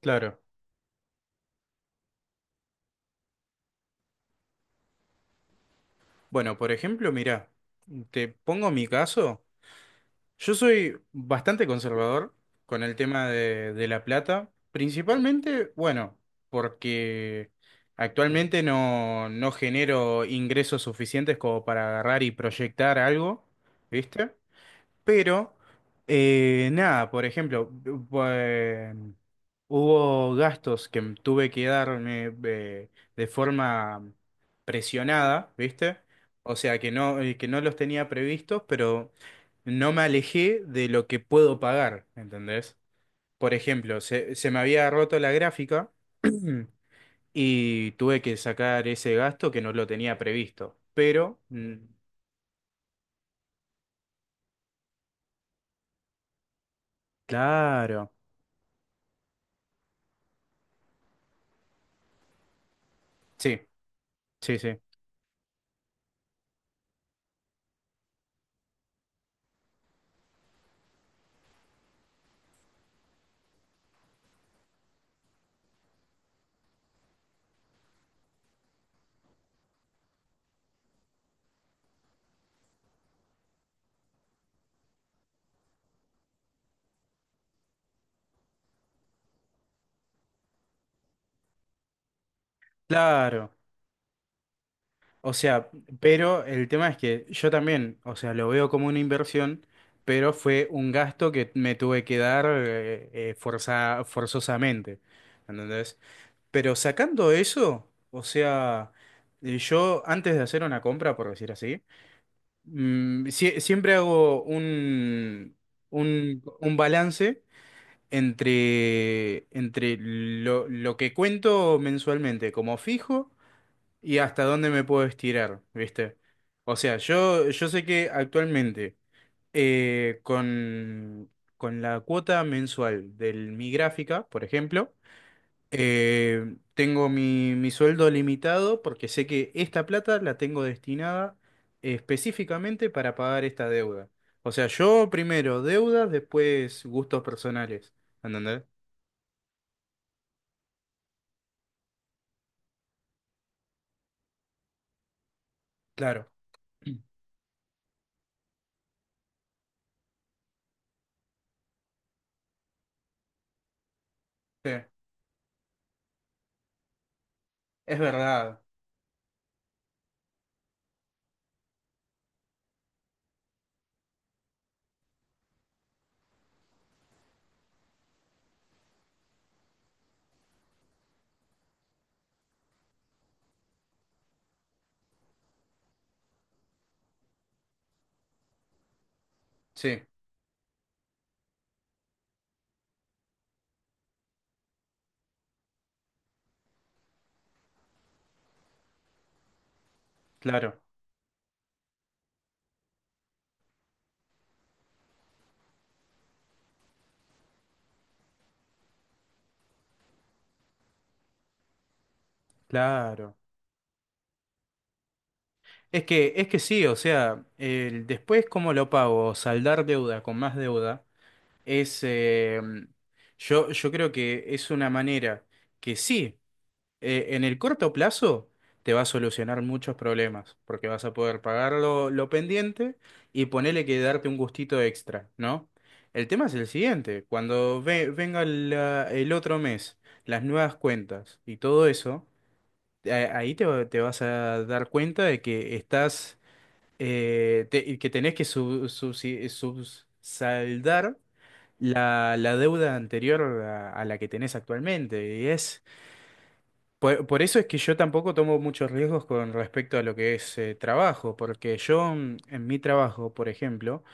Claro. Bueno, por ejemplo, mira, te pongo mi caso. Yo soy bastante conservador con el tema de la plata, principalmente, bueno, porque actualmente no genero ingresos suficientes como para agarrar y proyectar algo, ¿viste? Pero, nada, por ejemplo, eh, hubo gastos que tuve que darme de forma presionada, ¿viste? O sea, que no los tenía previstos, pero no me alejé de lo que puedo pagar, ¿entendés? Por ejemplo, se me había roto la gráfica y tuve que sacar ese gasto que no lo tenía previsto. Pero, claro, sí, sí, sí, claro. O sea, pero el tema es que yo también, o sea, lo veo como una inversión, pero fue un gasto que me tuve que dar forzosamente, ¿entendés? Pero sacando eso, o sea, yo antes de hacer una compra, por decir así, siempre hago un balance entre lo que cuento mensualmente como fijo y hasta dónde me puedo estirar, ¿viste? O sea, yo sé que actualmente eh, con, con la cuota mensual de mi gráfica, por ejemplo, tengo mi sueldo limitado porque sé que esta plata la tengo destinada específicamente para pagar esta deuda. O sea, yo primero deudas, después gustos personales, ¿entendés? Claro. Sí, es verdad. Sí, claro, claro. Es que sí, o sea, el, después cómo lo pago, saldar deuda con más deuda, es, eh, yo creo que es una manera que sí, en el corto plazo te va a solucionar muchos problemas, porque vas a poder pagar lo pendiente y ponerle que darte un gustito extra, ¿no? El tema es el siguiente, cuando venga el otro mes, las nuevas cuentas y todo eso, ahí te vas a dar cuenta de que estás que tenés que subsaldar la deuda anterior a la que tenés actualmente. Y es por eso es que yo tampoco tomo muchos riesgos con respecto a lo que es trabajo, porque yo en mi trabajo, por ejemplo,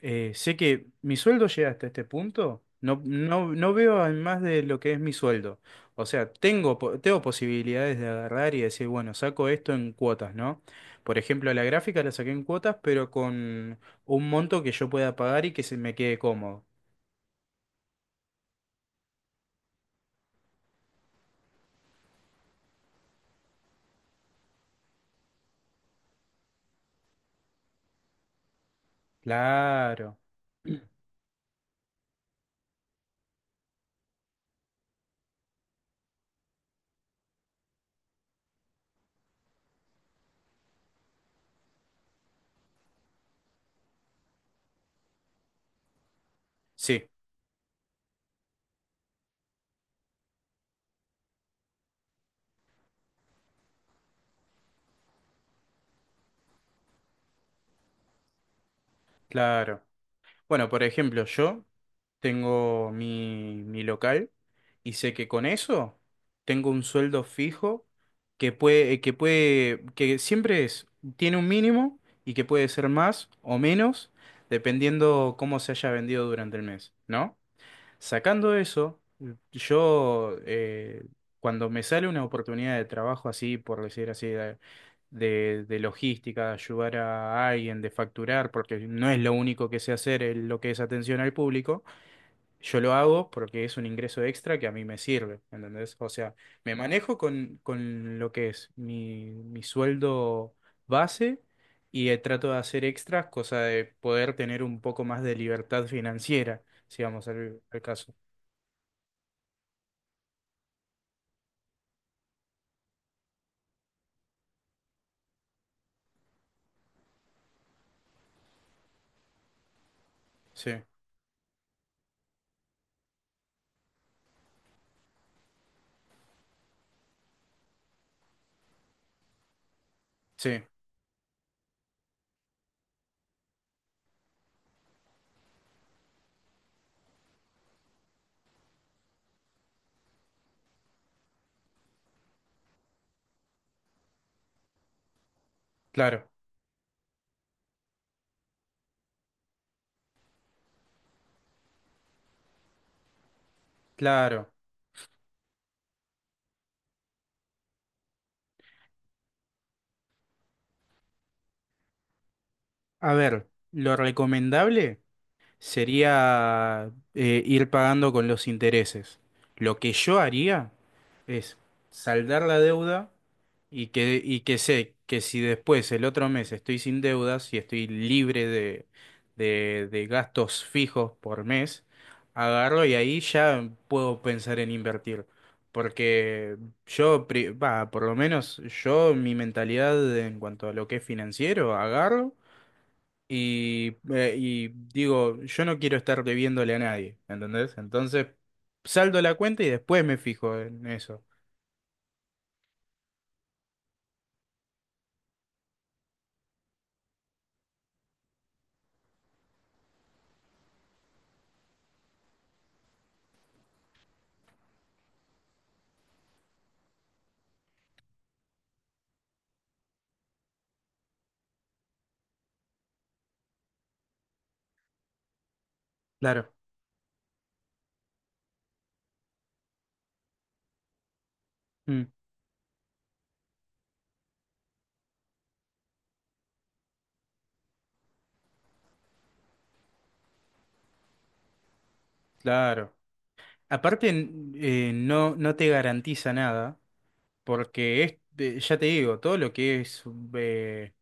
sé que mi sueldo llega hasta este punto, no veo en más de lo que es mi sueldo. O sea, tengo posibilidades de agarrar y decir, bueno, saco esto en cuotas, ¿no? Por ejemplo, la gráfica la saqué en cuotas, pero con un monto que yo pueda pagar y que se me quede cómodo. Claro, sí, claro. Bueno, por ejemplo, yo tengo mi local y sé que con eso tengo un sueldo fijo que puede, que siempre es, tiene un mínimo y que puede ser más o menos dependiendo cómo se haya vendido durante el mes, ¿no? Sacando eso, yo cuando me sale una oportunidad de trabajo así, por decir así, de logística, de ayudar a alguien, de facturar, porque no es lo único que sé hacer lo que es atención al público, yo lo hago porque es un ingreso extra que a mí me sirve, ¿entendés? O sea, me manejo con lo que es mi sueldo base y trato de hacer extras, cosa de poder tener un poco más de libertad financiera, si vamos al al caso. Sí, sí, claro, claro. A ver, lo recomendable, sería ir pagando con los intereses. Lo que yo haría es saldar la deuda y que sé que si después el otro mes estoy sin deudas y estoy libre de gastos fijos por mes, agarro y ahí ya puedo pensar en invertir. Porque yo, por lo menos yo, mi mentalidad en cuanto a lo que es financiero, agarro. Y digo, yo no quiero estar debiéndole a nadie, ¿entendés? Entonces, saldo la cuenta y después me fijo en eso. Claro. Mm, claro. Aparte, no te garantiza nada, porque ya te digo, todo lo que es eh,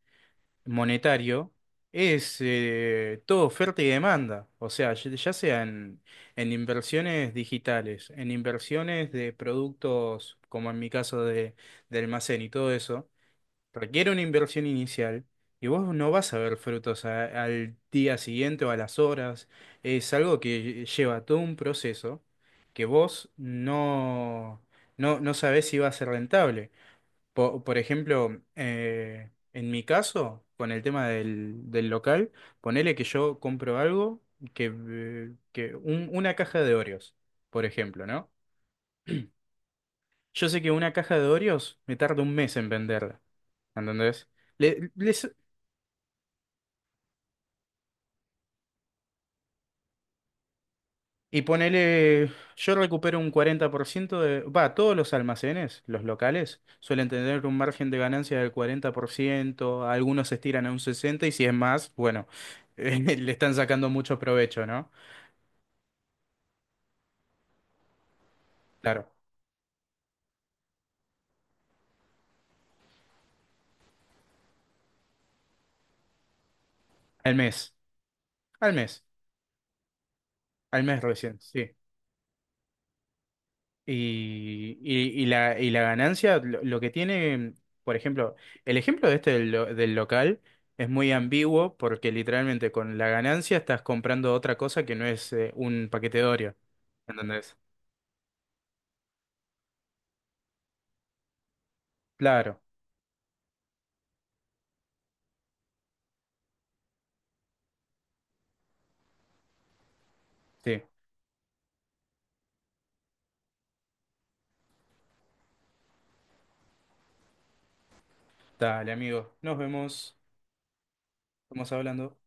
monetario es todo oferta y demanda. O sea, ya sea en inversiones digitales, en inversiones de productos, como en mi caso de almacén y todo eso requiere una inversión inicial y vos no vas a ver frutos al día siguiente o a las horas. Es algo que lleva todo un proceso que vos no sabés si va a ser rentable. Por ejemplo, en mi caso, con el tema del local, ponele que yo compro algo que una caja de Oreos, por ejemplo, ¿no? Yo sé que una caja de Oreos me tarda un mes en venderla, ¿entendés? Le- les- Y ponele, yo recupero un 40% todos los almacenes, los locales, suelen tener un margen de ganancia del 40%. Algunos se estiran a un 60% y si es más, bueno, le están sacando mucho provecho, ¿no? Claro, al mes, al mes, al mes recién, sí. Y la ganancia, lo que tiene, por ejemplo, el ejemplo de este del local es muy ambiguo porque literalmente con la ganancia estás comprando otra cosa que no es un paquete de Oreo. ¿Entendés? Claro, sí. Dale, amigo. Nos vemos. Estamos hablando.